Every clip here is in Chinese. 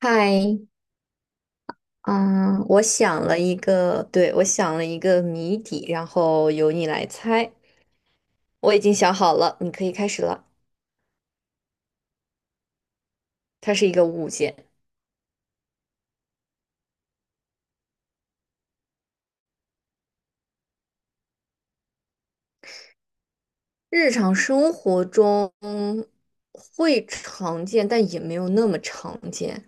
嗨，嗯，我想了一个，对，我想了一个谜底，然后由你来猜。我已经想好了，你可以开始了。它是一个物件，日常生活中会常见，但也没有那么常见。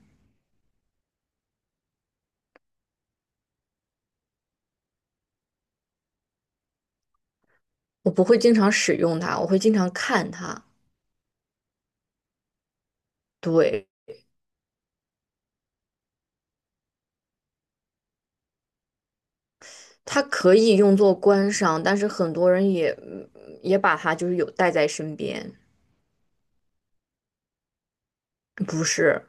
我不会经常使用它，我会经常看它。对，它可以用作观赏，但是很多人也也把它就是有带在身边。不是。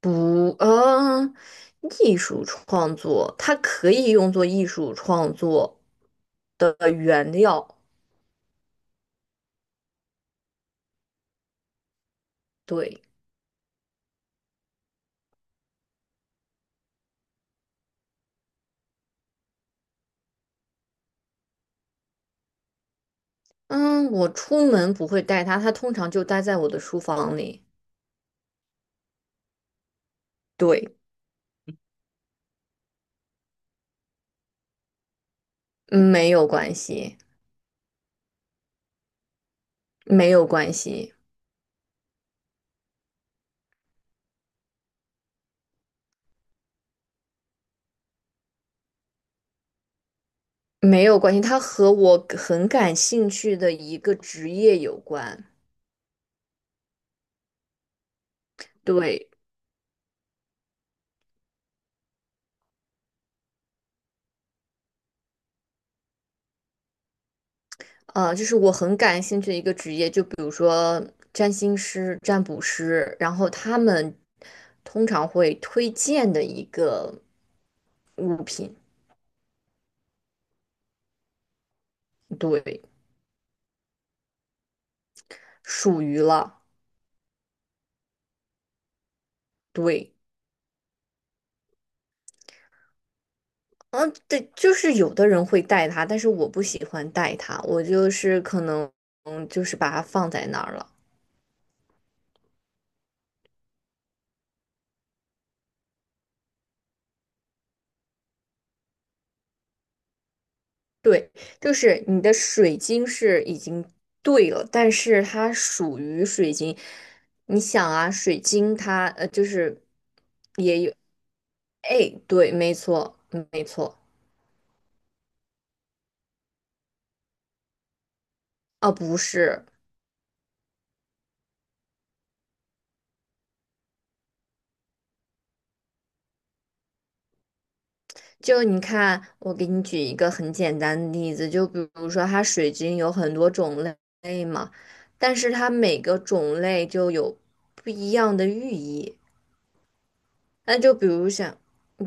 不，艺术创作它可以用作艺术创作。对，嗯，我出门不会带它，它通常就待在我的书房里。对，没有关系，没有关系，没有关系，它和我很感兴趣的一个职业有关。对。就是我很感兴趣的一个职业，就比如说占星师、占卜师，然后他们通常会推荐的一个物品，对，属于了，对，嗯，对，就是有的人会带它，但是我不喜欢带它，我就是可能就是把它放在那儿了。对，就是你的水晶是已经对了，但是它属于水晶。你想啊，水晶它就是也有，哎，对，没错，没错。啊，不是，就你看，我给你举一个很简单的例子，就比如说它水晶有很多种类嘛但是它每个种类就有不一样的寓意。那就比如像，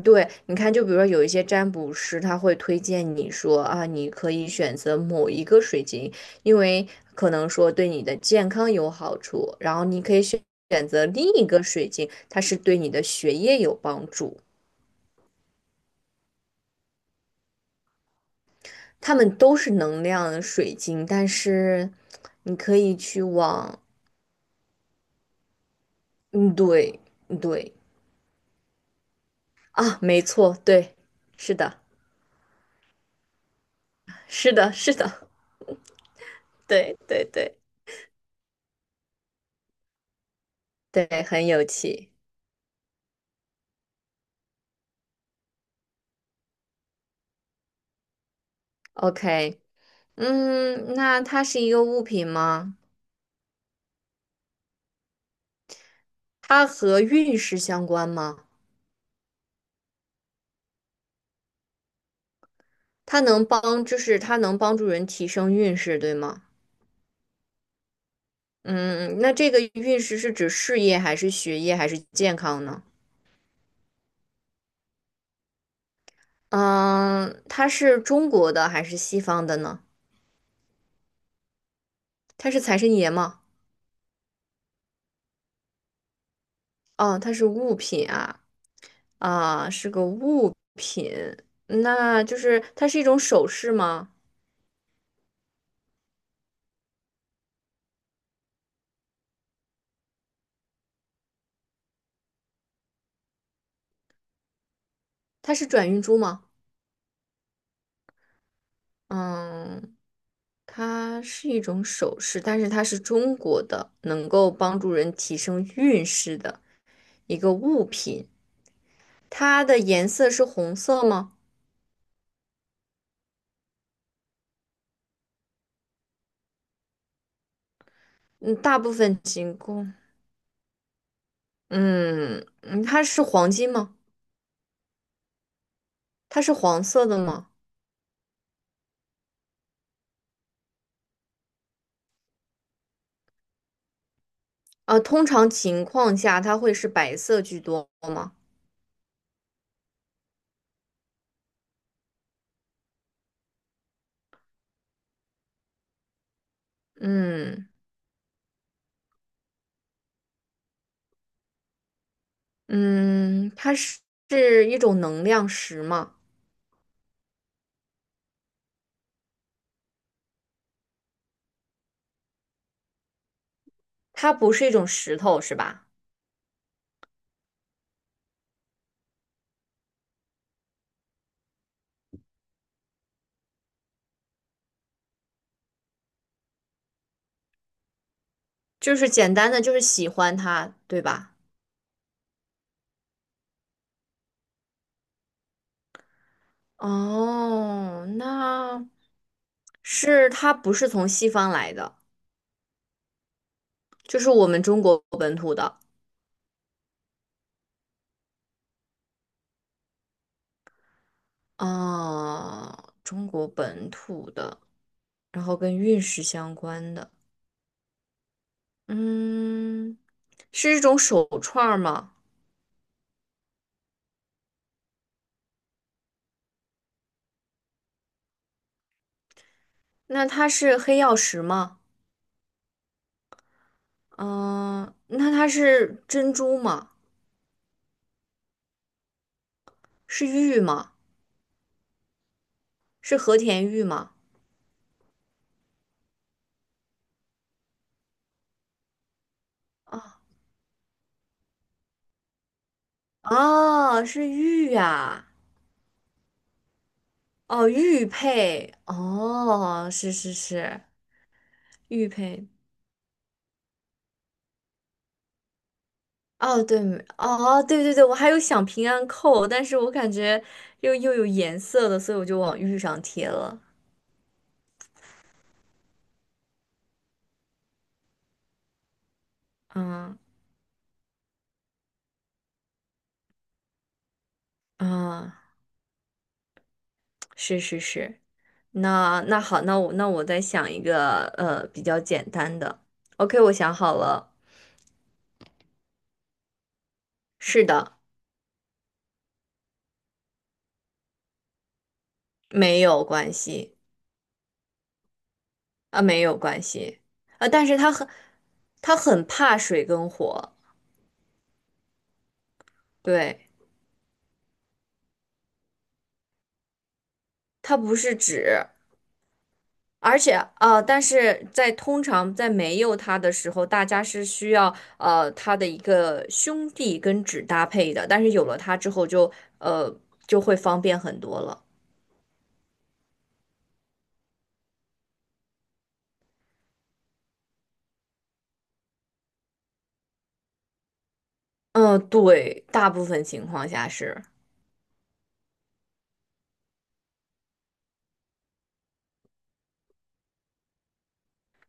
对，你看，就比如说有一些占卜师，他会推荐你说啊，你可以选择某一个水晶，因为可能说对你的健康有好处，然后你可以选择另一个水晶，它是对你的学业有帮助。它们都是能量水晶，但是你可以去往，嗯，对，对，啊，没错，对，是的，是的，是的，对对对对，很有趣。OK。嗯，那它是一个物品吗？它和运势相关吗？它能帮，就是它能帮助人提升运势，对吗？嗯，那这个运势是指事业还是学业还是健康呢？嗯，它是中国的还是西方的呢？它是财神爷吗？哦，它是物品啊，啊，是个物品，那就是它是一种首饰吗？它是转运珠吗？嗯。它是一种首饰，但是它是中国的，能够帮助人提升运势的一个物品。它的颜色是红色吗？嗯，大部分情况，嗯嗯，它是黄金吗？它是黄色的吗？啊，通常情况下它会是白色居多吗？嗯嗯，它是一种能量石吗？它不是一种石头是吧？就是简单的就是喜欢它，对吧？哦，那是它不是从西方来的，就是我们中国本土的哦，中国本土的，然后跟运势相关的，嗯，是一种手串儿吗？那它是黑曜石吗？嗯，那它是珍珠吗？是玉吗？是和田玉吗？啊哦，是玉呀、哦，玉佩，哦，是是是，玉佩。哦，对，哦，对对对，我还有想平安扣，但是我感觉又有颜色的，所以我就往玉上贴了。嗯嗯，是是是。那那好，那我再想一个比较简单的。OK,我想好了。是的，没有关系啊，没有关系啊，但是他很怕水跟火，对，它不是纸，而且但是在通常在没有它的时候，大家是需要它的一个兄弟跟纸搭配的，但是有了它之后就呃就会方便很多了。嗯、对，大部分情况下是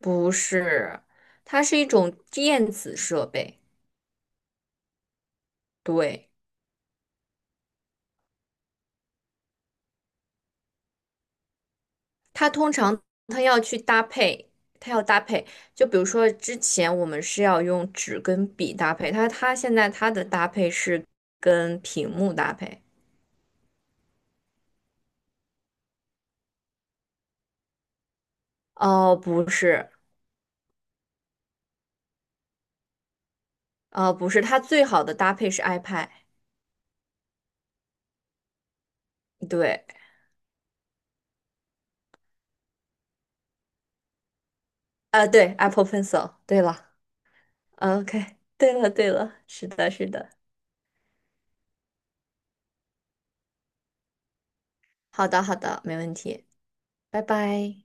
不是？它是一种电子设备，对，它通常它要去搭配，它要搭配。就比如说之前我们是要用纸跟笔搭配，它现在它的搭配是跟屏幕搭配。哦，不是，哦，不是，它最好的搭配是 iPad,对，对，Apple Pencil,对了OK,对了，对了，是的，是的，好的，好的，没问题，拜拜。